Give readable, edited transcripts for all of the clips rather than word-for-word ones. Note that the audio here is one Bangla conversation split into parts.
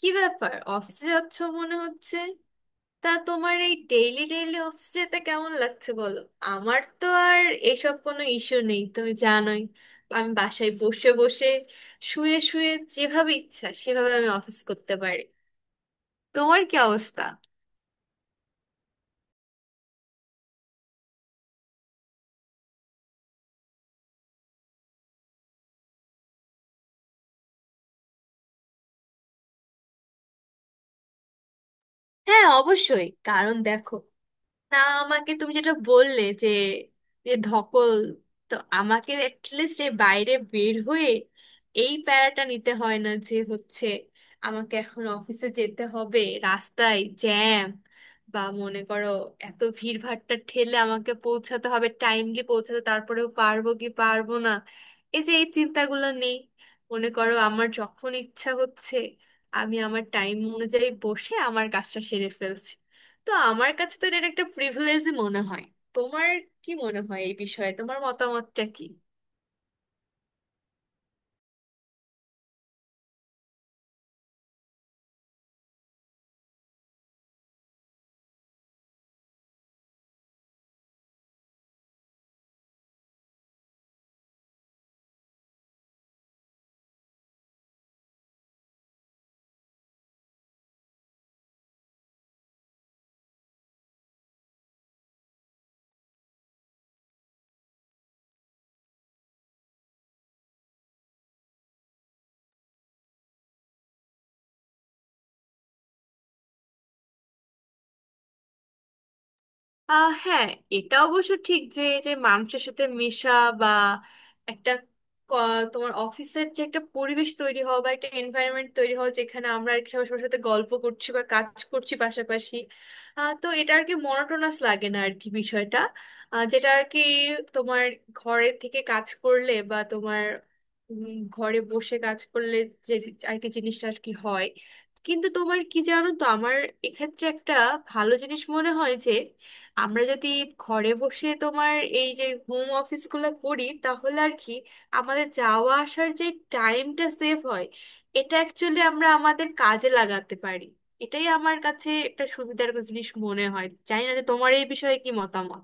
কি ব্যাপার, অফিসে যাচ্ছ মনে হচ্ছে? তা তোমার এই ডেইলি ডেইলি অফিসে যেতে কেমন লাগছে বলো। আমার তো আর এসব কোনো ইস্যু নেই, তুমি জানোই। আমি বাসায় বসে বসে শুয়ে শুয়ে যেভাবে ইচ্ছা সেভাবে আমি অফিস করতে পারি। তোমার কি অবস্থা? হ্যাঁ অবশ্যই, কারণ দেখো না, আমাকে তুমি যেটা বললে যে যে ধকল, তো আমাকে অ্যাটলিস্ট এই বাইরে বের হয়ে এই প্যারাটা নিতে হয় না যে হচ্ছে আমাকে এখন অফিসে যেতে হবে, রাস্তায় জ্যাম, বা মনে করো এত ভিড়ভাট্টা ঠেলে আমাকে পৌঁছাতে হবে, টাইমলি পৌঁছাতে তারপরেও পারবো কি পারবো না, এই যে এই চিন্তাগুলো নেই। মনে করো আমার যখন ইচ্ছা হচ্ছে আমি আমার টাইম অনুযায়ী বসে আমার কাজটা সেরে ফেলছি, তো আমার কাছে তো এটা একটা প্রিভিলেজই মনে হয়। তোমার কি মনে হয় এই বিষয়ে, তোমার মতামতটা কি? হ্যাঁ, এটা অবশ্য ঠিক যে এই যে মানুষের সাথে মেশা বা একটা তোমার অফিসের যে একটা পরিবেশ তৈরি হওয়া বা একটা এনভায়রনমেন্ট তৈরি হওয়া, যেখানে আমরা আর কি সবার সবার সাথে গল্প করছি বা কাজ করছি পাশাপাশি। তো এটা আর কি মনোটোনাস লাগে না আর কি বিষয়টা। যেটা আর কি তোমার ঘরে থেকে কাজ করলে বা তোমার ঘরে বসে কাজ করলে যে আর কি জিনিসটা আর কি হয়। কিন্তু তোমার কি জানো তো, আমার এক্ষেত্রে একটা ভালো জিনিস মনে হয়, আমরা যদি ঘরে বসে তোমার এই যে হোম অফিসগুলো করি তাহলে আর কি আমাদের যাওয়া আসার যে টাইমটা সেভ হয়, এটা অ্যাকচুয়ালি আমরা আমাদের কাজে লাগাতে পারি। এটাই আমার কাছে একটা সুবিধার জিনিস মনে হয়, জানি না যে তোমার এই বিষয়ে কি মতামত।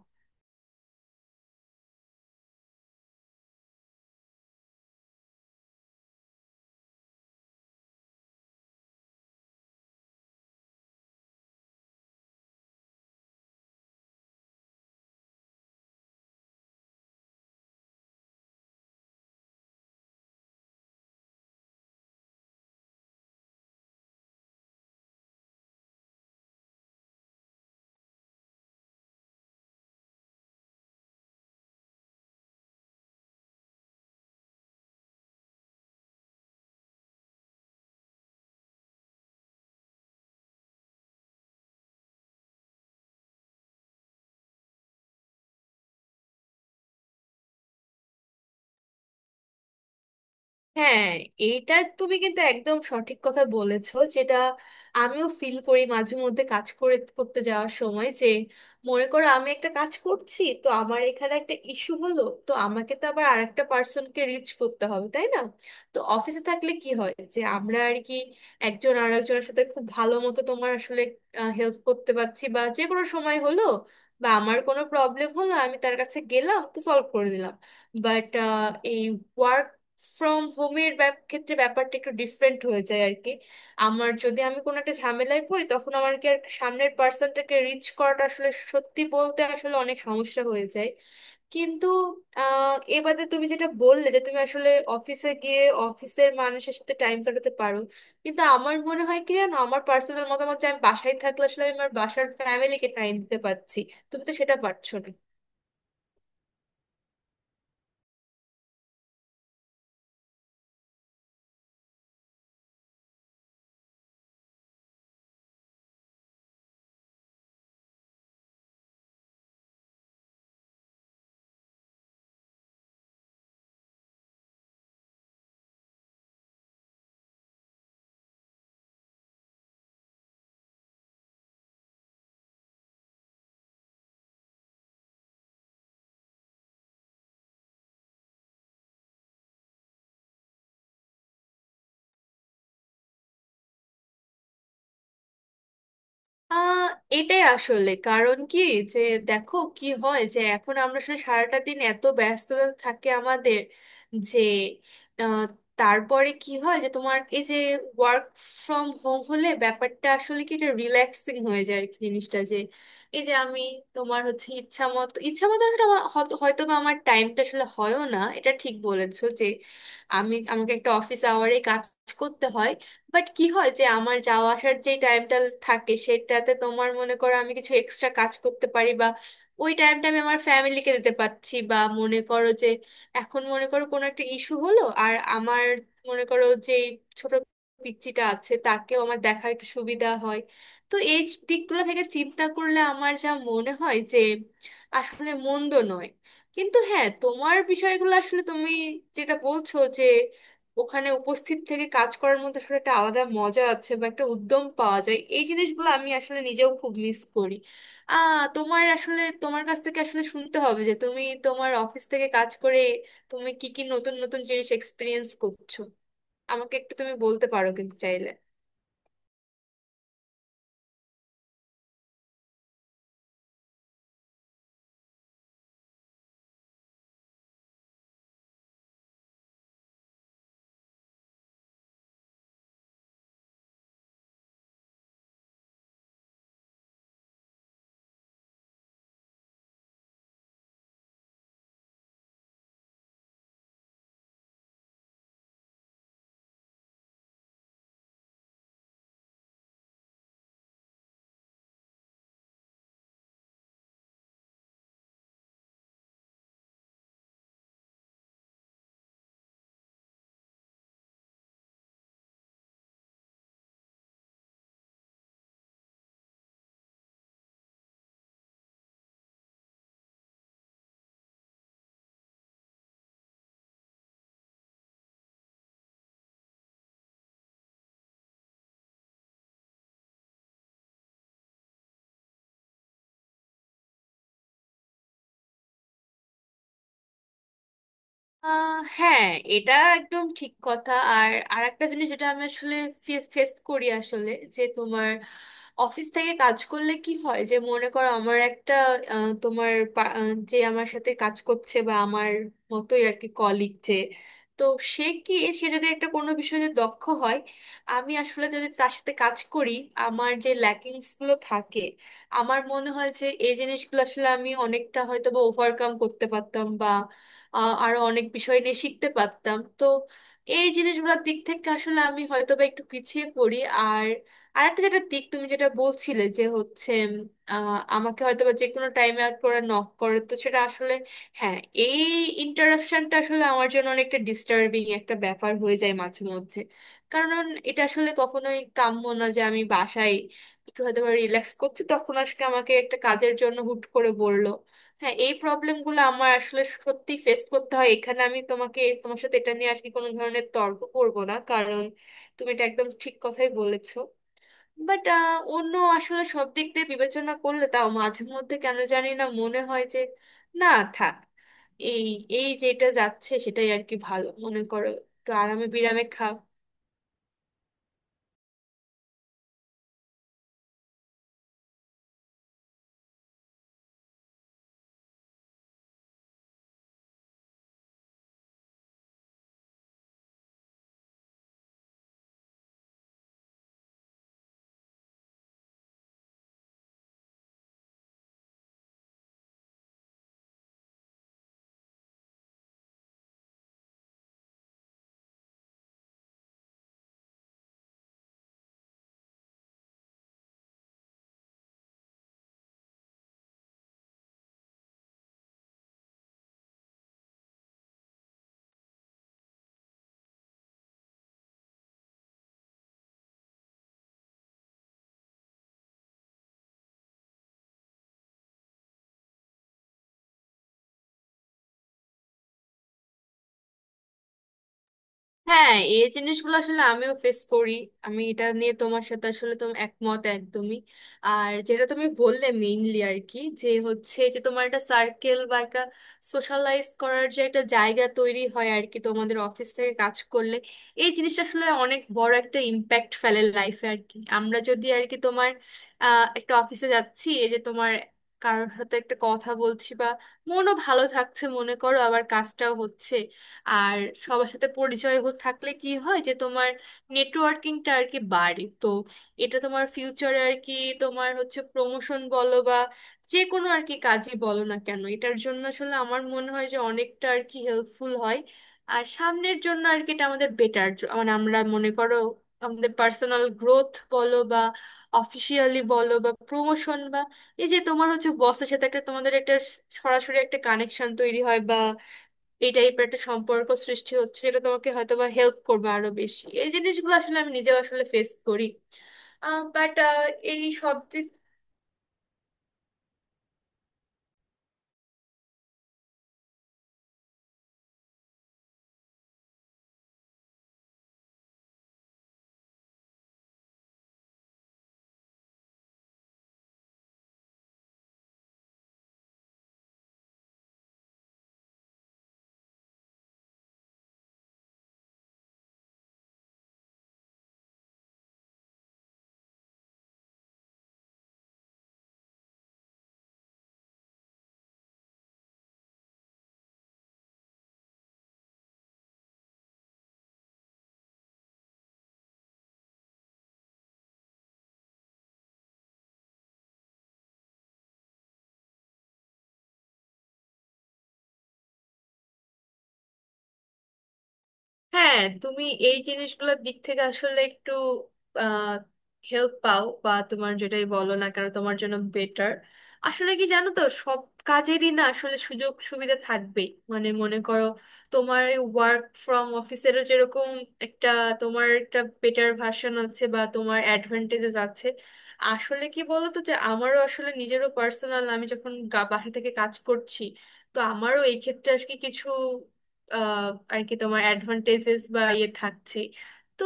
হ্যাঁ, এটা তুমি কিন্তু একদম সঠিক কথা বলেছো, যেটা আমিও ফিল করি মাঝে মধ্যে কাজ করে করতে যাওয়ার সময় যে মনে করো আমি একটা কাজ করছি তো আমার এখানে একটা ইস্যু হলো, তো আমাকে তো আবার আরেকটা একটা পার্সনকে রিচ করতে হবে তাই না। তো অফিসে থাকলে কি হয় যে আমরা আর কি একজন আরেকজনের সাথে খুব ভালো মতো তোমার আসলে হেল্প করতে পারছি, বা যে কোনো সময় হলো বা আমার কোনো প্রবলেম হলো, আমি তার কাছে গেলাম তো সলভ করে দিলাম। বাট এই ওয়ার্ক ফ্রম হোমের ক্ষেত্রে ব্যাপারটা একটু ডিফারেন্ট হয়ে যায় আর কি। আমার যদি আমি কোনো একটা ঝামেলায় পড়ি তখন আমার কি আর সামনের পার্সনটাকে রিচ করাটা আসলে সত্যি বলতে আসলে অনেক সমস্যা হয়ে যায়। কিন্তু এ বাদে তুমি যেটা বললে যে তুমি আসলে অফিসে গিয়ে অফিসের মানুষের সাথে টাইম কাটাতে পারো, কিন্তু আমার মনে হয় কি জানো, আমার পার্সোনাল মতামত যে আমি বাসায় থাকলে আসলে আমি আমার বাসার ফ্যামিলিকে টাইম দিতে পারছি, তুমি তো সেটা পারছো না। আহ এটাই আসলে কারণ কি যে দেখো কি হয় যে এখন আমরা আসলে সারাটা দিন এত ব্যস্ততা থাকে আমাদের যে আহ, তারপরে কি হয় যে তোমার এই যে ওয়ার্ক ফ্রম হোম হলে ব্যাপারটা আসলে কি, এটা রিল্যাক্সিং হয়ে যায় আর কি জিনিসটা, যে এই যে আমি তোমার হচ্ছে ইচ্ছা মতো আসলে আমার হয়তো বা আমার টাইমটা আসলে হয়ও না, এটা ঠিক বলেছো যে আমি আমাকে একটা অফিস আওয়ারে কাজ করতে হয়। বাট কি হয় যে আমার যাওয়া আসার যে টাইমটা থাকে সেটাতে তোমার মনে করো আমি কিছু এক্সট্রা কাজ করতে পারি, বা ওই টাইমটা আমি আমার ফ্যামিলিকে দিতে পারছি, বা মনে করো যে এখন মনে করো কোনো একটা ইস্যু হলো আর আমার মনে করো যে ছোট পিচ্চিটা আছে তাকেও আমার দেখা একটু সুবিধা হয়। তো এই দিকগুলো থেকে চিন্তা করলে আমার যা মনে হয় যে আসলে মন্দ নয়। কিন্তু হ্যাঁ, তোমার বিষয়গুলো আসলে তুমি যেটা বলছো যে ওখানে উপস্থিত থেকে কাজ করার মধ্যে আসলে একটা আলাদা মজা আছে বা একটা উদ্যম পাওয়া যায়, এই জিনিসগুলো আমি আসলে নিজেও খুব মিস করি। তোমার আসলে তোমার কাছ থেকে আসলে শুনতে হবে যে তুমি তোমার অফিস থেকে কাজ করে তুমি কি কি নতুন নতুন জিনিস এক্সপিরিয়েন্স করছো, আমাকে একটু তুমি বলতে পারো কিন্তু চাইলে। হ্যাঁ, এটা একদম ঠিক কথা। আর আর একটা জিনিস যেটা আমি আসলে ফেস করি আসলে, যে তোমার অফিস থেকে কাজ করলে কি হয় যে মনে করো আমার একটা তোমার যে আমার সাথে কাজ করছে বা আমার মতোই আর কি কলিগ, যে তো সে কি, সে যদি একটা কোনো বিষয়ে দক্ষ হয় আমি আসলে যদি তার সাথে কাজ করি আমার যে ল্যাকিংস গুলো থাকে আমার মনে হয় যে এই জিনিসগুলো আসলে আমি অনেকটা হয়তো বা ওভারকাম করতে পারতাম বা আরো অনেক বিষয় নিয়ে শিখতে পারতাম। তো এই জিনিসগুলোর দিক থেকে আসলে আমি হয়তো বা একটু পিছিয়ে পড়ি। আর একটা যেটা দিক তুমি যেটা বলছিলে যে হচ্ছে আহ, আমাকে হয়তো বা যে কোনো টাইমে আর করে নক করে, তো সেটা আসলে হ্যাঁ এই ইন্টারাপশনটা আসলে আমার জন্য অনেকটা ডিস্টার্বিং একটা ব্যাপার হয়ে যায় মাঝে মধ্যে। কারণ এটা আসলে কখনোই কাম্য না, যে আমি বাসায় একটু হয়তো বা রিল্যাক্স করছি তখন আজকে আমাকে একটা কাজের জন্য হুট করে বললো। হ্যাঁ, এই প্রবলেমগুলো আমার আসলে সত্যি ফেস করতে হয়, এখানে আমি তোমাকে তোমার সাথে এটা নিয়ে আজকে কোনো ধরনের তর্ক করব না, কারণ তুমি এটা একদম ঠিক কথাই বলেছো। বাট অন্য আসলে সব দিক দিয়ে বিবেচনা করলে তাও মাঝে মধ্যে কেন জানি না মনে হয় যে, না, থাক, এই এই যেটা যাচ্ছে সেটাই আর কি ভালো মনে করো। একটু আরামে বিরামে খাও। হ্যাঁ, এই জিনিসগুলো আসলে আমিও ফেস করি। আমি এটা নিয়ে তোমার সাথে আসলে তুমি একমত একদমই। আর যেটা তুমি বললে মেইনলি আর কি যে হচ্ছে যে তোমার একটা সার্কেল বা একটা সোশ্যালাইজ করার যে একটা জায়গা তৈরি হয় আর কি তোমাদের অফিস থেকে কাজ করলে, এই জিনিসটা আসলে অনেক বড় একটা ইম্প্যাক্ট ফেলে লাইফে আর কি। আমরা যদি আর কি তোমার একটা অফিসে যাচ্ছি এই যে তোমার কারোর সাথে একটা কথা বলছি বা মনও ভালো থাকছে মনে করো আবার কাজটাও হচ্ছে। আর সবার সাথে পরিচয় থাকলে কি হয় যে তোমার নেটওয়ার্কিংটা আর কি বাড়ে। তো এটা তোমার ফিউচারে আর কি তোমার হচ্ছে প্রমোশন বলো বা যে কোনো আর কি কাজই বলো না কেন, এটার জন্য আসলে আমার মনে হয় যে অনেকটা আর কি হেল্পফুল হয়। আর সামনের জন্য আর কি এটা আমাদের বেটার, মানে আমরা মনে করো আমাদের পার্সোনাল গ্রোথ বলো বা অফিসিয়ালি বলো বা প্রমোশন, বা এই যে তোমার হচ্ছে বসের সাথে একটা তোমাদের একটা সরাসরি একটা কানেকশন তৈরি হয়, এই টাইপের একটা সম্পর্ক সৃষ্টি হচ্ছে যেটা তোমাকে হয়তো বা হেল্প করবে আরো বেশি, এই জিনিসগুলো আসলে আমি নিজেও আসলে ফেস করি। বাট এই সব দিক। হ্যাঁ তুমি, এই জিনিসগুলোর দিক থেকে আসলে একটু আহ হেল্প পাও বা তোমার যেটাই বলো না কেন তোমার জন্য বেটার। আসলে কি জানো তো, সব কাজেরই না আসলে সুযোগ সুবিধা থাকবেই। মানে মনে করো তোমার ওয়ার্ক ফ্রম অফিসেরও যেরকম একটা তোমার একটা বেটার ভার্সন আছে বা তোমার অ্যাডভান্টেজেস আছে। আসলে কি বলো তো যে আমারও আসলে নিজেরও পার্সোনাল আমি যখন বাসা থেকে কাজ করছি, তো আমারও এই ক্ষেত্রে আর কি কিছু আহ, আর কি তোমার অ্যাডভান্টেজেস বা ইয়ে থাকছে। তো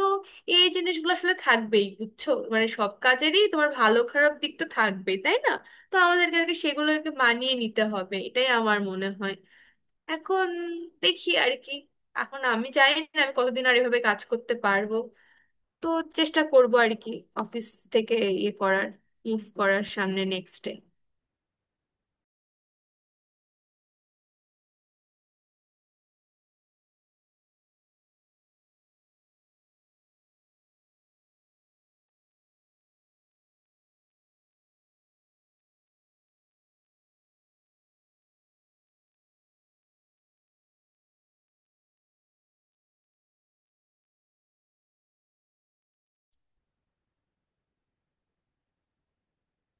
এই জিনিসগুলো আসলে থাকবেই বুঝছো, মানে সব কাজেরই তোমার ভালো খারাপ দিক তো থাকবেই তাই না। তো আমাদেরকে আর কি সেগুলোকে মানিয়ে নিতে হবে এটাই আমার মনে হয়। এখন দেখি আর কি, এখন আমি জানি না আমি কতদিন আর এভাবে কাজ করতে পারবো, তো চেষ্টা করবো আর কি অফিস থেকে ইয়ে করার, মুভ করার সামনে নেক্সটে।